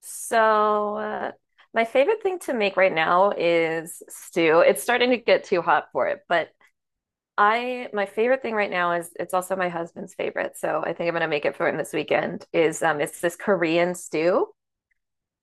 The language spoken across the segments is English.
So, uh, my favorite thing to make right now is stew. It's starting to get too hot for it, but I my favorite thing right now is it's also my husband's favorite. So I think I'm gonna make it for him this weekend. Is It's this Korean stew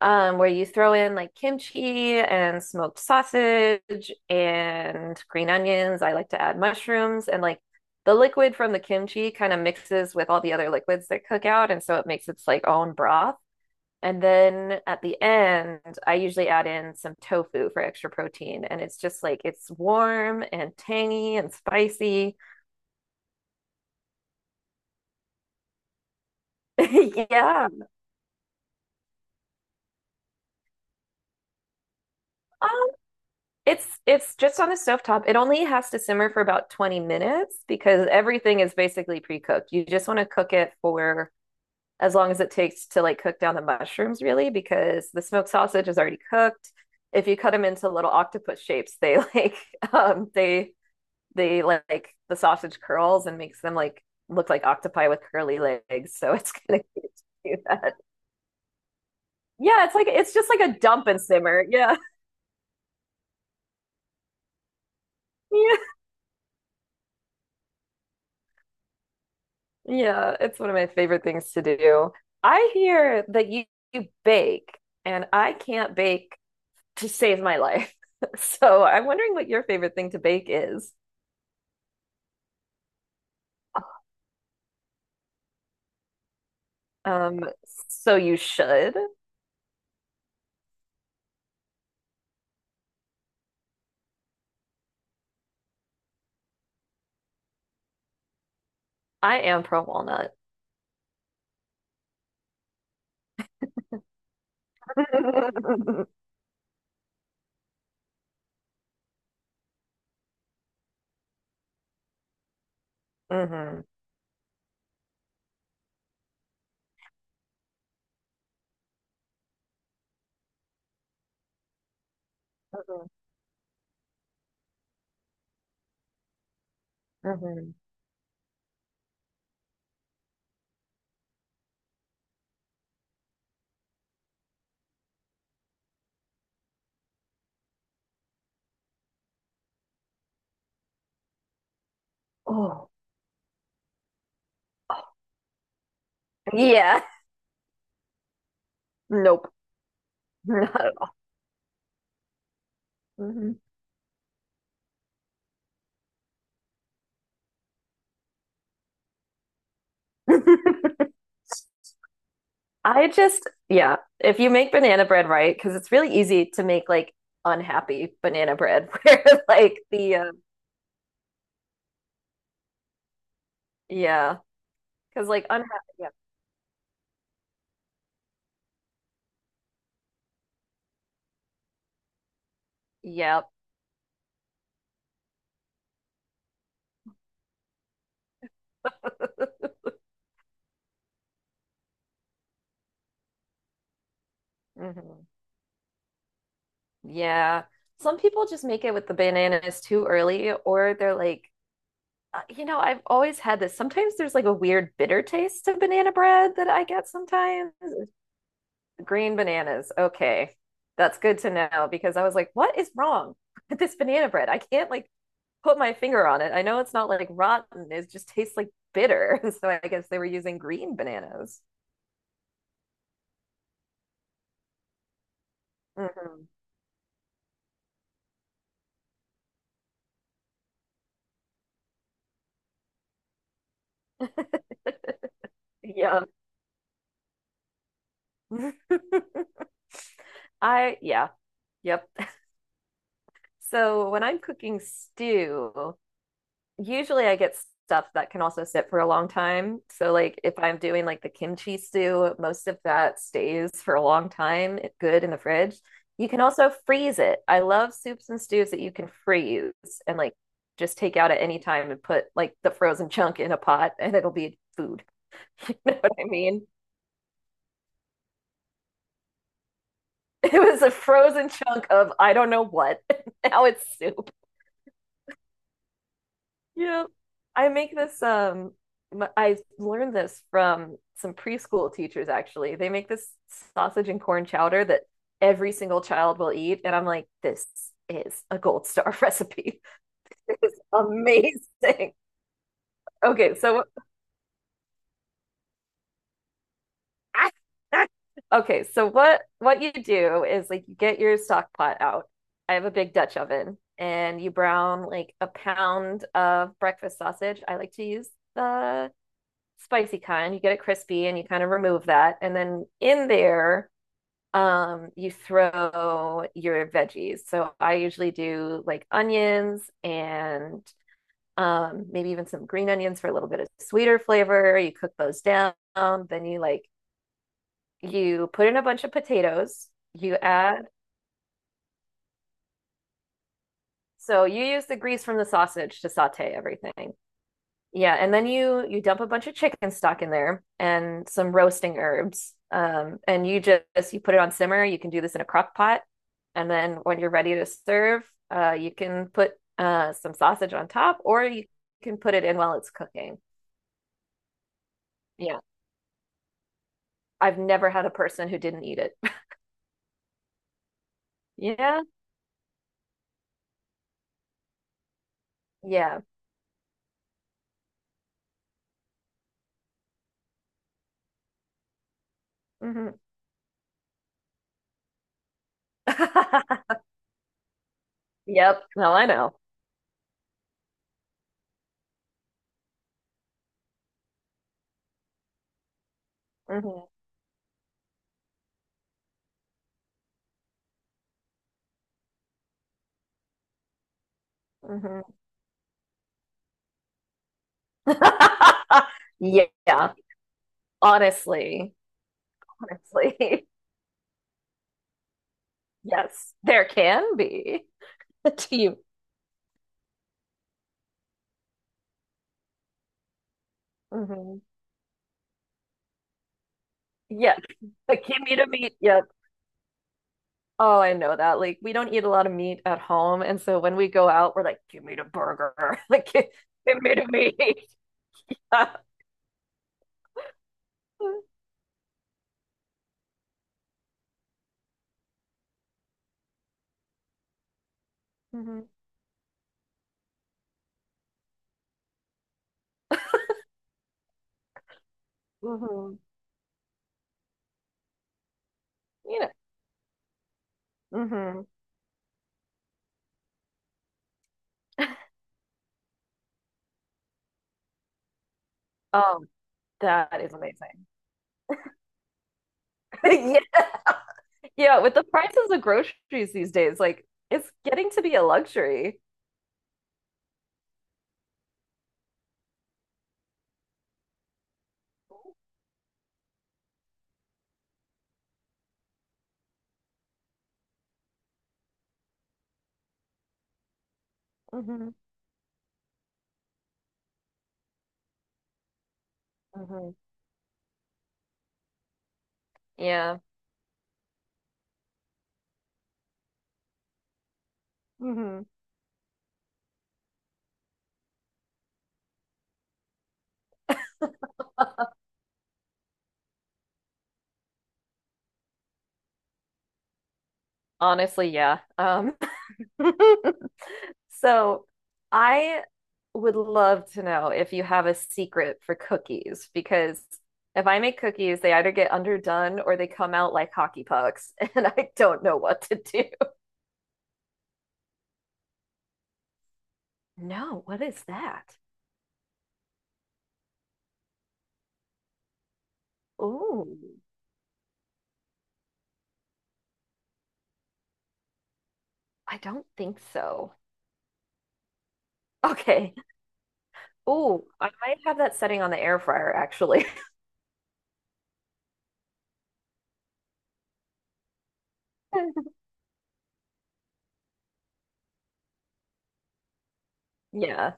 where you throw in like kimchi and smoked sausage and green onions. I like to add mushrooms, and like the liquid from the kimchi kind of mixes with all the other liquids that cook out, and so it makes its like own broth. And then at the end, I usually add in some tofu for extra protein. And it's just like it's warm and tangy and spicy. Yeah. Um, it's just on the stovetop. It only has to simmer for about 20 minutes because everything is basically pre-cooked. You just want to cook it for as long as it takes to like cook down the mushrooms, really, because the smoked sausage is already cooked. If you cut them into little octopus shapes, they like um they the sausage curls and makes them like look like octopi with curly legs. So it's kind of cute to do that. Yeah, it's like it's just like a dump and simmer. Yeah. Yeah. Yeah. It's one of my favorite things to do. I hear that you bake, and I can't bake to save my life. So I'm wondering what your favorite thing to bake is. Um, so you should. I am pro walnut. Hmm. Hmm. Hmm. Oh, yeah. Nope. Not at all. Mhm. Yeah, if you make banana bread right, because it's really easy to make like unhappy banana bread, where yeah, because like unhappy, yeah, yep, hmm, yeah. Some people just make it with the bananas too early, or they're like, I've always had this. Sometimes there's like a weird bitter taste to banana bread that I get sometimes. Green bananas. Okay. That's good to know because I was like, what is wrong with this banana bread? I can't like put my finger on it. I know it's not like rotten, it just tastes like bitter. So I guess they were using green bananas. Mhm. Yeah. I, yeah, yep. So when I'm cooking stew, usually I get stuff that can also sit for a long time. So like if I'm doing like the kimchi stew, most of that stays for a long time, good in the fridge. You can also freeze it. I love soups and stews that you can freeze, and like just take out at any time and put like the frozen chunk in a pot, and it'll be food. You know what I mean? It was a frozen chunk of I don't know what. Now it's soup. Yep. I make this I learned this from some preschool teachers actually. They make this sausage and corn chowder that every single child will eat, and I'm like this is a gold star recipe. It is amazing. Okay, so okay, so what you do is like you get your stock pot out. I have a big Dutch oven, and you brown like a pound of breakfast sausage. I like to use the spicy kind. You get it crispy and you kind of remove that. And then in there, you throw your veggies. So I usually do like onions and maybe even some green onions for a little bit of sweeter flavor. You cook those down. You put in a bunch of potatoes. You add, so you use the grease from the sausage to saute everything. Yeah, and then you dump a bunch of chicken stock in there and some roasting herbs. And you put it on simmer. You can do this in a crock pot, and then when you're ready to serve, you can put some sausage on top, or you can put it in while it's cooking. Yeah, I've never had a person who didn't eat it. Yeah, yeah. Hmm. Yep. No, I know. Hmm. Hmm. Yeah. Honestly, honestly. Yes, there can be a team. Hmm. Yes, a kimmy to meat. Yep. Oh, I know that. Like, we don't eat a lot of meat at home, and so when we go out, we're like, "Give me the burger, like, give me the meat." Hmm. Hmm. You know. Hmm. Um, that is amazing. Yeah, yeah. With the prices of groceries these days, like, it's getting to be a luxury. Hmm. Hmm. Yeah. Hmm. Honestly, yeah. So I would love to know if you have a secret for cookies, because if I make cookies, they either get underdone or they come out like hockey pucks, and I don't know what to do. No, what is that? Ooh, I don't think so. Okay. Ooh, I might have that setting on the air fryer actually. Yeah.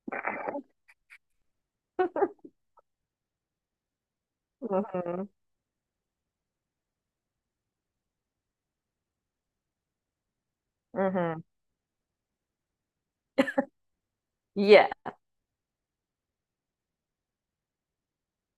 Hmm. Hmm. Yeah.